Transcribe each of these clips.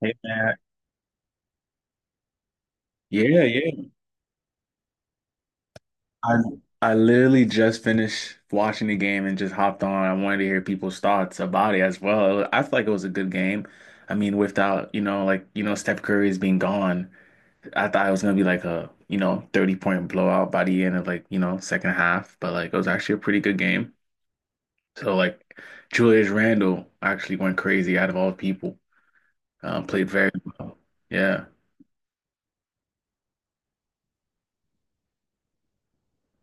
Hey man. Yeah, yeah. I I literally just finished watching the game and just hopped on. I wanted to hear people's thoughts about it as well. I feel like it was a good game. I mean, without, like, Steph Curry's being gone, I thought it was gonna be like a, 30 point blowout by the end of like, second half, but like it was actually a pretty good game. So like Julius Randle actually went crazy out of all people. Played very well. Yeah.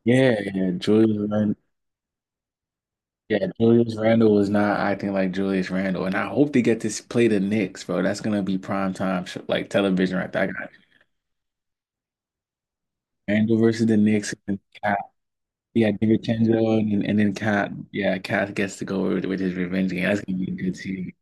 Yeah, yeah. Julius Yeah, Julius Randle was not acting like Julius Randle, and I hope they get to play the Knicks, bro. That's gonna be prime time sh like television right there. I got Randle versus the Knicks and then Cat. Yeah, DiVincenzo and, and then Cat. Yeah, Cat gets to go with his revenge game. That's gonna be a good series.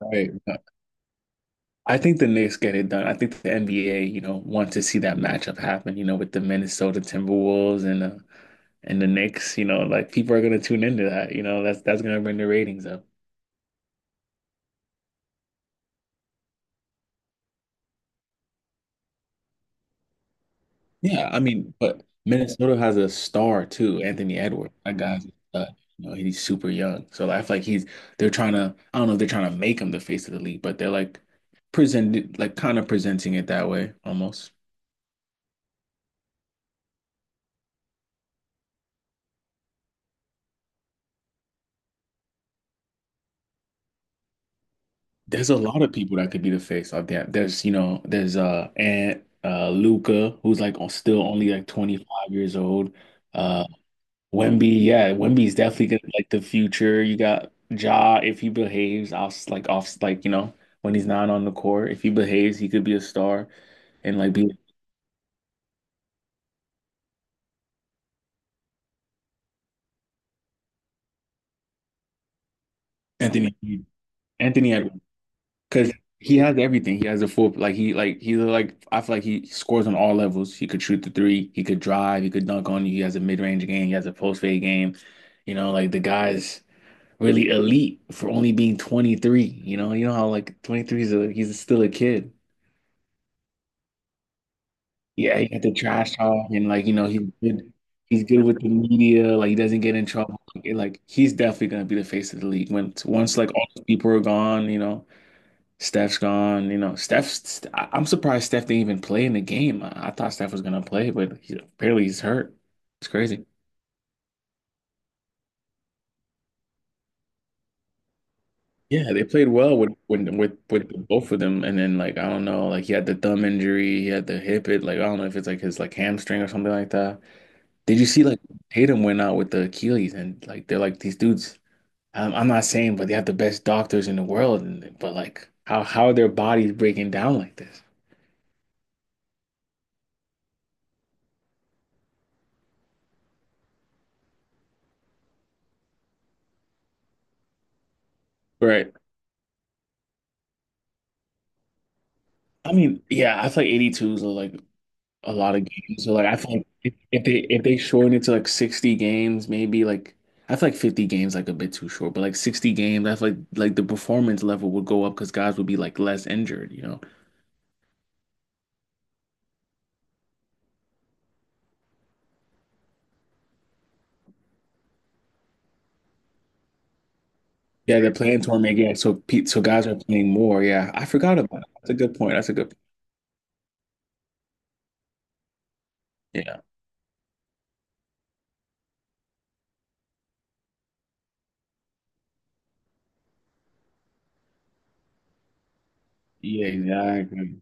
Right, but I think the Knicks get it done. I think the NBA, you know, wants to see that matchup happen. You know, with the Minnesota Timberwolves and the Knicks. You know, like people are gonna tune into that. You know, that's gonna bring the ratings up. Yeah, I mean, but Minnesota has a star too, Anthony Edwards. That guy's a stud. You know, he's super young. So like, I feel like he's they're trying to I don't know if they're trying to make him the face of the league, but they're like presented like kind of presenting it that way almost. There's a lot of people that could be the face of that. There's, you know, there's Ant Luca who's like still only like 25 years old. Uh, Wemby, yeah, Wemby's definitely gonna be like the future. You got Ja if he behaves off like you know when he's not on the court. If he behaves, he could be a star and like be Anthony Anthony Edwards because he has everything. He has a full like he like he's like I feel like he scores on all levels. He could shoot the three. He could drive. He could dunk on you. He has a mid range game. He has a post fade game. You know, like the guy's really elite for only being 23. You know how like 23 is a he's still a kid. Yeah, he got the trash talk and like, you know, he's good with the media, like he doesn't get in trouble. Like, and, like, he's definitely gonna be the face of the league when once like all those people are gone, you know, Steph's gone, you know, I'm surprised Steph didn't even play in the game. I thought Steph was gonna play, but he, apparently he's hurt. It's crazy. Yeah, they played well with when with both of them, and then like I don't know, like he had the thumb injury, he had the hip it, like I don't know if it's like his like hamstring or something like that. Did you see like Tatum went out with the Achilles and like they're like these dudes. I'm not saying, but they have the best doctors in the world, and but like how are their bodies breaking down like this? Right. I mean, yeah, I feel like 82's are like a lot of games. So like I feel like if, if they shorten it to like 60 games, maybe like I feel like 50 games like a bit too short, but like 60 games, I feel like the performance level would go up because guys would be like less injured, you know? Yeah, they're playing tournament, yeah. So Pete, so guys are playing more. Yeah, I forgot about it. That's a good point. That's a good Yeah, yeah, exactly.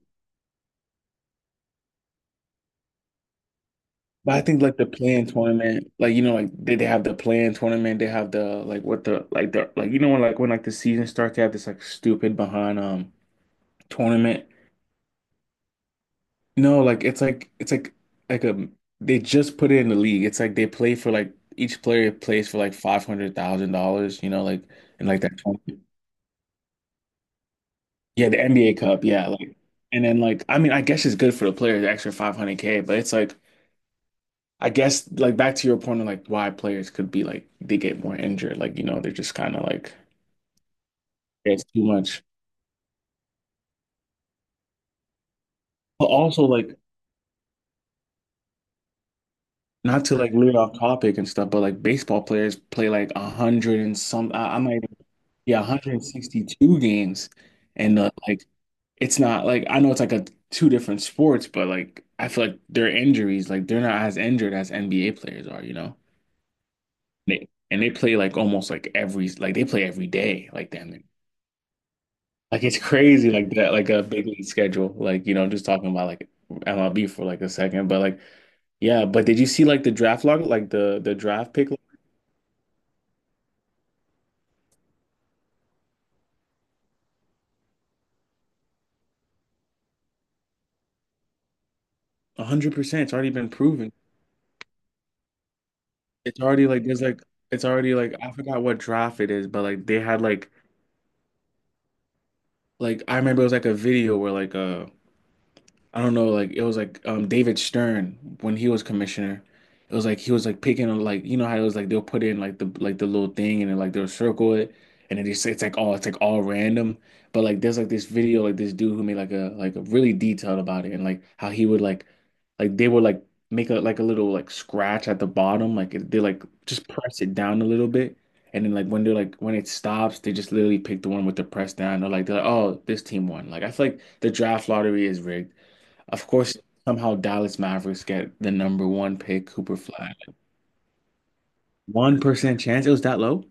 But I think like the playing tournament, like you know, like they have the playing tournament, they have the like what the like you know when like the season starts, they have this like stupid behind tournament. No, it's like a they just put it in the league. It's like they play for like each player plays for like $500,000, you know, like and like that tournament. Yeah, the NBA Cup, yeah, like and then like I mean I guess it's good for the player, the extra 500 K, but it's like I guess like back to your point of like why players could be like they get more injured, like you know they're just kind of like it's too much. But also like not to like lead off topic and stuff, but like baseball players play like a hundred and some I might yeah 162 games, and like it's not like I know it's like a two different sports, but like I feel like their injuries like they're not as injured as NBA players are, you know? They, and they play like almost like every like they play every day like damn near. Like it's crazy, like that, like a big league schedule. Like you know, I'm just talking about like MLB for like a second, but like yeah. But did you see like the draft log, like the draft pick, like, 100%? It's already been proven. It's already like there's like it's already like I forgot what draft it is, but like they had like I remember it was like a video where like I don't know, like it was like David Stern when he was commissioner. It was like he was like picking on like you know how it was like they'll put in like the little thing and then like they'll circle it and then they say it's like all random. But like there's like this video like this dude who made like a really detailed about it and like how he would like they would like make a like a little like scratch at the bottom like they like just press it down a little bit and then like when they're like when it stops they just literally pick the one with the press down or like they're like oh this team won like I feel like the draft lottery is rigged. Of course, somehow Dallas Mavericks get the number one pick, Cooper Flag. 1% chance it was that low?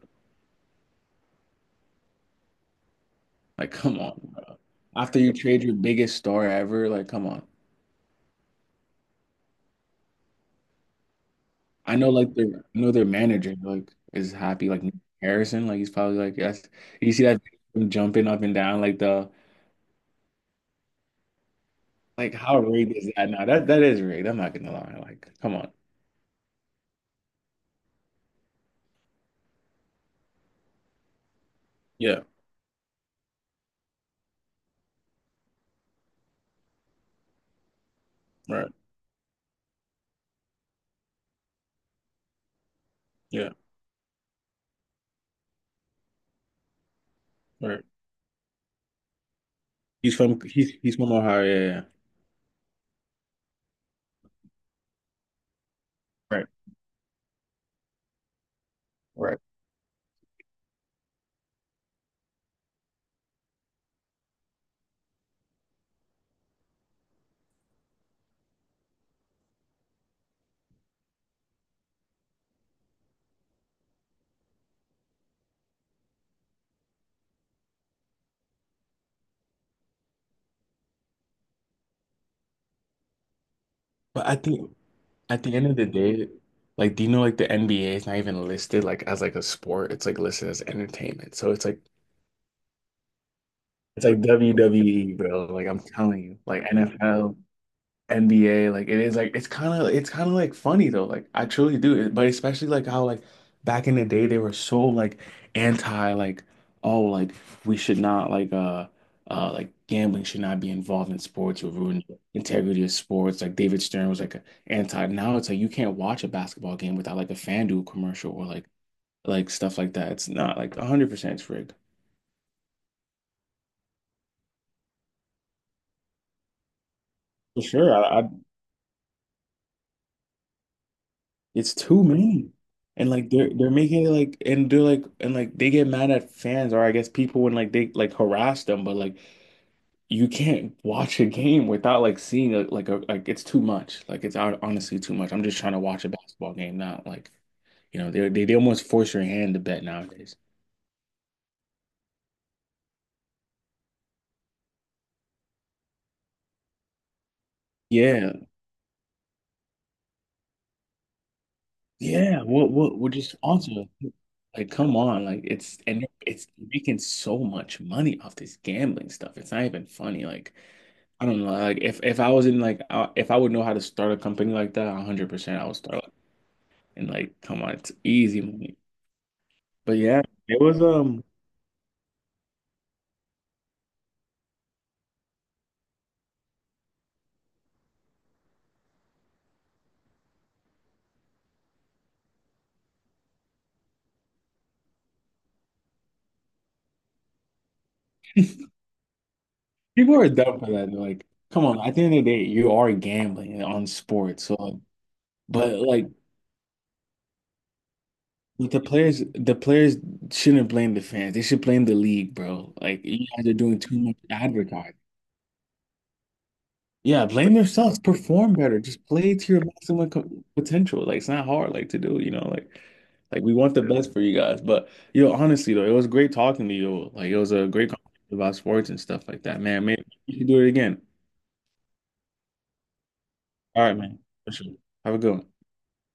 Like, come on, bro. After you trade your biggest star ever, like, come on. I know, like, their I know their manager, like, is happy. Like Nick Harrison, like, he's probably like, yes. You see that video of him jumping up and down, like the, like, how rigged is that now? That is rigged. I'm not gonna lie. Like, come on. Yeah, right. Yeah, right. He's from Ohio. Yeah, yeah. Right, right. But I think At the end of the day, like, do you know like the NBA is not even listed like as like a sport? It's like listed as entertainment. So it's like WWE, bro. Like I'm telling you, like NFL, NBA. Like it is like it's kind of like funny though. Like I truly do. But especially like how like back in the day they were so like anti like oh like we should not like like gambling should not be involved in sports or ruin the integrity of sports. Like David Stern was like a anti. Now it's like you can't watch a basketball game without like a FanDuel commercial or like stuff like that. It's not like 100% it's rigged. For sure. I It's too many. And like they're making it like and they're like and like they get mad at fans or I guess people when like they like harass them, but like you can't watch a game without like seeing a like it's too much. Like it's honestly too much. I'm just trying to watch a basketball game not Like, you know, they almost force your hand to bet nowadays. Yeah, what what just also like come on, like it's and it's making so much money off this gambling stuff. It's not even funny. Like I don't know, like if I was in like if I would know how to start a company like that, 100% I would start like, and like come on, it's easy money. But yeah, it was people are dumb for that. They're like, come on, at the end of the day, you are gambling on sports. So like But the players shouldn't blame the fans. They should blame the league, bro. Like you guys are doing too much advertising. Yeah, blame themselves. Perform better. Just play to your maximum potential. Like it's not hard, like to do. You know, like we want the best for you guys. But yo, honestly though, it was great talking to you. Like it was a great conversation about sports and stuff like that, man. Maybe we should do it again. All right, man. For sure. Have a good one.